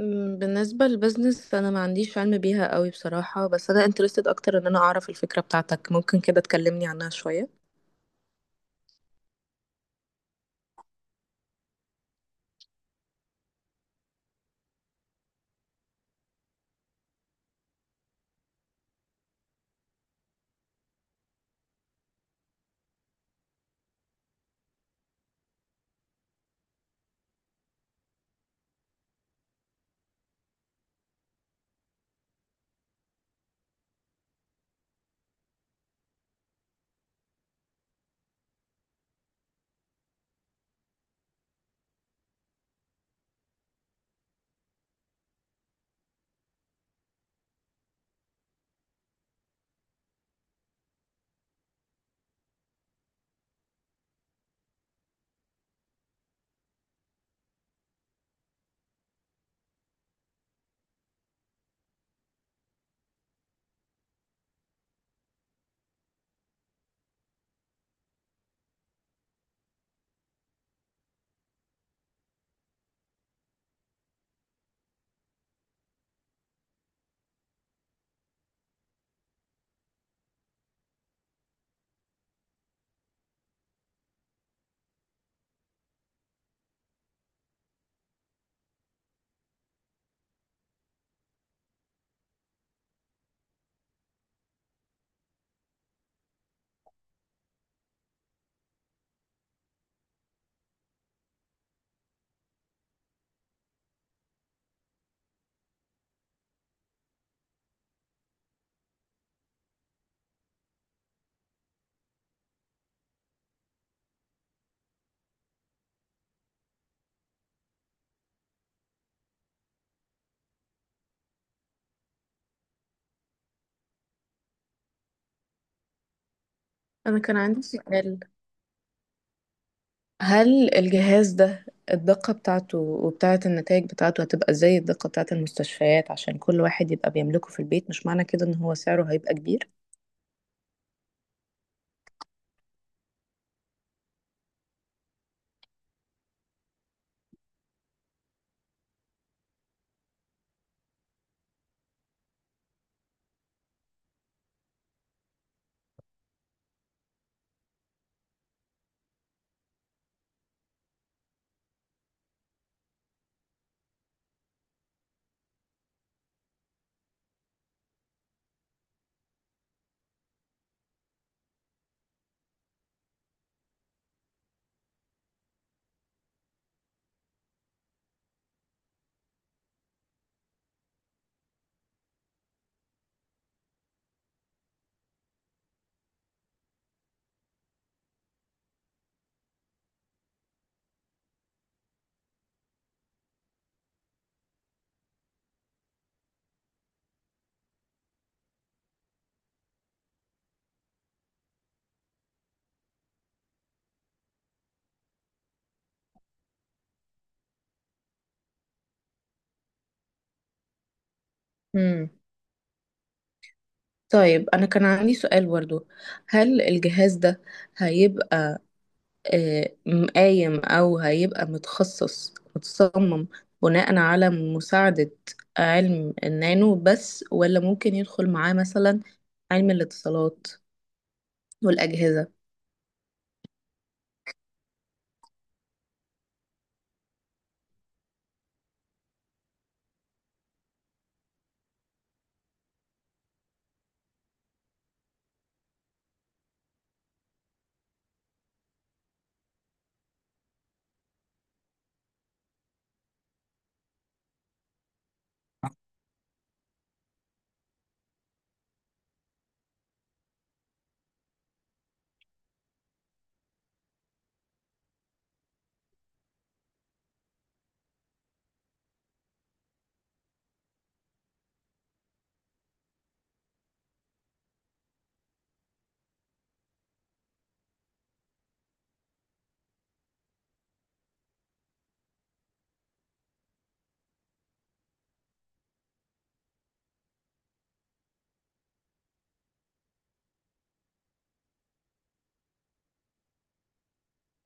بالنسبة للبزنس، أنا ما عنديش علم بيها قوي بصراحة، بس أنا interested أكتر إن أنا أعرف الفكرة بتاعتك. ممكن كده تكلمني عنها شوية. أنا كان عندي سؤال: هل الجهاز ده الدقة بتاعته وبتاعة النتائج بتاعته هتبقى زي الدقة بتاعة المستشفيات؟ عشان كل واحد يبقى بيملكه في البيت، مش معنى كده إن هو سعره هيبقى كبير؟ امم طيب، أنا كان عندي سؤال برضو. هل الجهاز ده هيبقى آه، قايم أو هيبقى متخصص متصمم بناء على مساعدة علم النانو بس، ولا ممكن يدخل معاه مثلا علم الاتصالات والأجهزة؟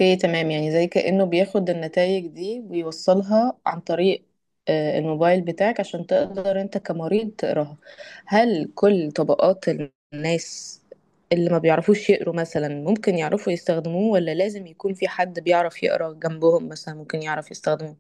اوكي، تمام. يعني زي كأنه بياخد النتائج دي ويوصلها عن طريق الموبايل بتاعك، عشان تقدر انت كمريض تقراها. هل كل طبقات الناس اللي ما بيعرفوش يقروا مثلا ممكن يعرفوا يستخدموه، ولا لازم يكون في حد بيعرف يقرا جنبهم مثلا ممكن يعرف يستخدمه؟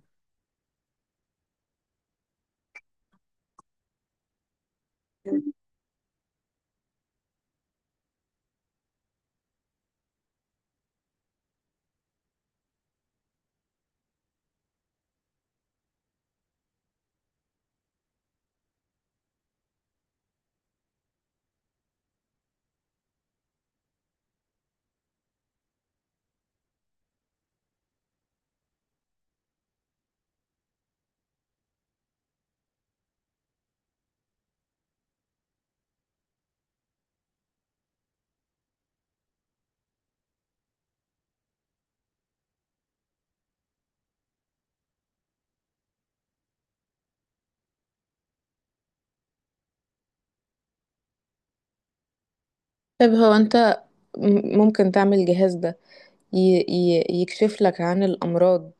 طيب، هو انت ممكن تعمل الجهاز ده يكشف لك عن الأمراض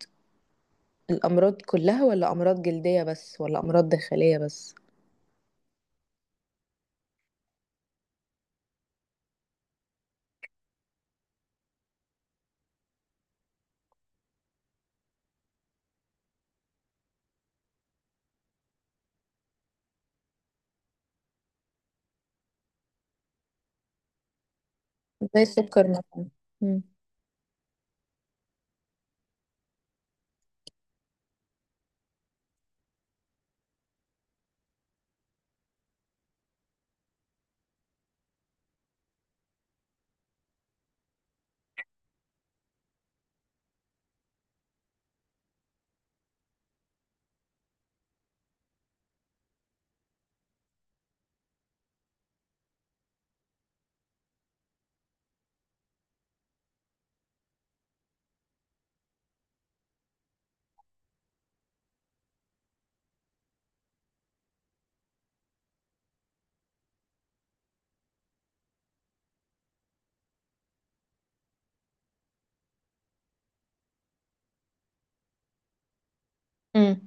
الأمراض كلها، ولا أمراض جلدية بس، ولا أمراض داخلية بس؟ زي السكر مثلا. مم.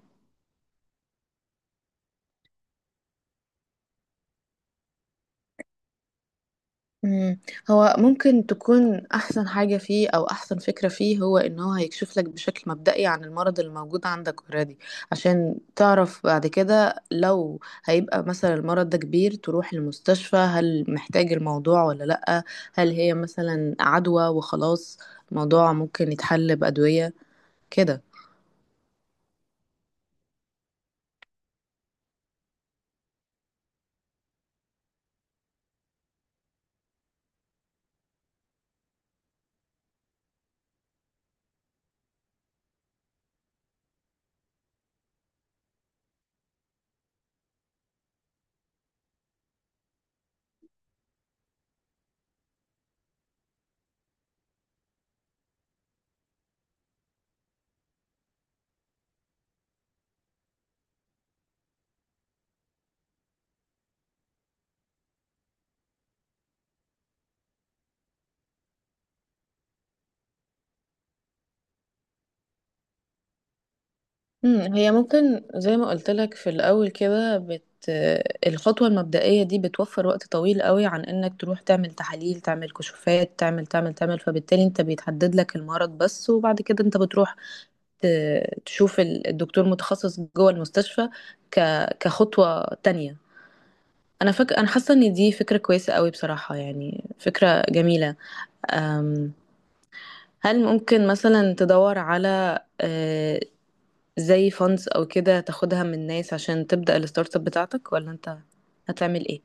مم. هو ممكن تكون أحسن حاجة فيه أو أحسن فكرة فيه، هو إن هو هيكشف لك بشكل مبدئي عن المرض اللي موجود عندك اوريدي، عشان تعرف بعد كده لو هيبقى مثلا المرض ده كبير تروح المستشفى هل محتاج الموضوع ولا لأ. هل هي مثلا عدوى وخلاص الموضوع ممكن يتحل بأدوية كده. هي ممكن زي ما قلت لك في الأول كده الخطوة المبدئية دي بتوفر وقت طويل قوي، عن إنك تروح تعمل تحاليل، تعمل كشوفات، تعمل تعمل تعمل. فبالتالي أنت بيتحدد لك المرض بس، وبعد كده أنت بتروح ت... تشوف الدكتور متخصص جوه المستشفى ك... كخطوة تانية. أنا حاسة إن دي فكرة كويسة قوي بصراحة، يعني فكرة جميلة. أم... هل ممكن مثلا تدور على زي funds او كده تاخدها من ناس عشان تبدأ الستارت اب بتاعتك، ولا انت هتعمل ايه؟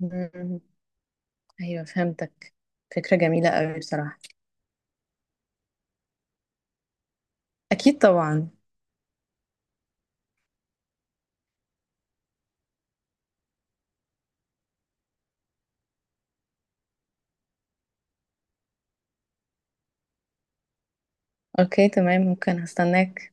مم. ايوه، فهمتك. فكرة جميلة قوي بصراحة. اكيد طبعا. اوكي، تمام. ممكن هستناك.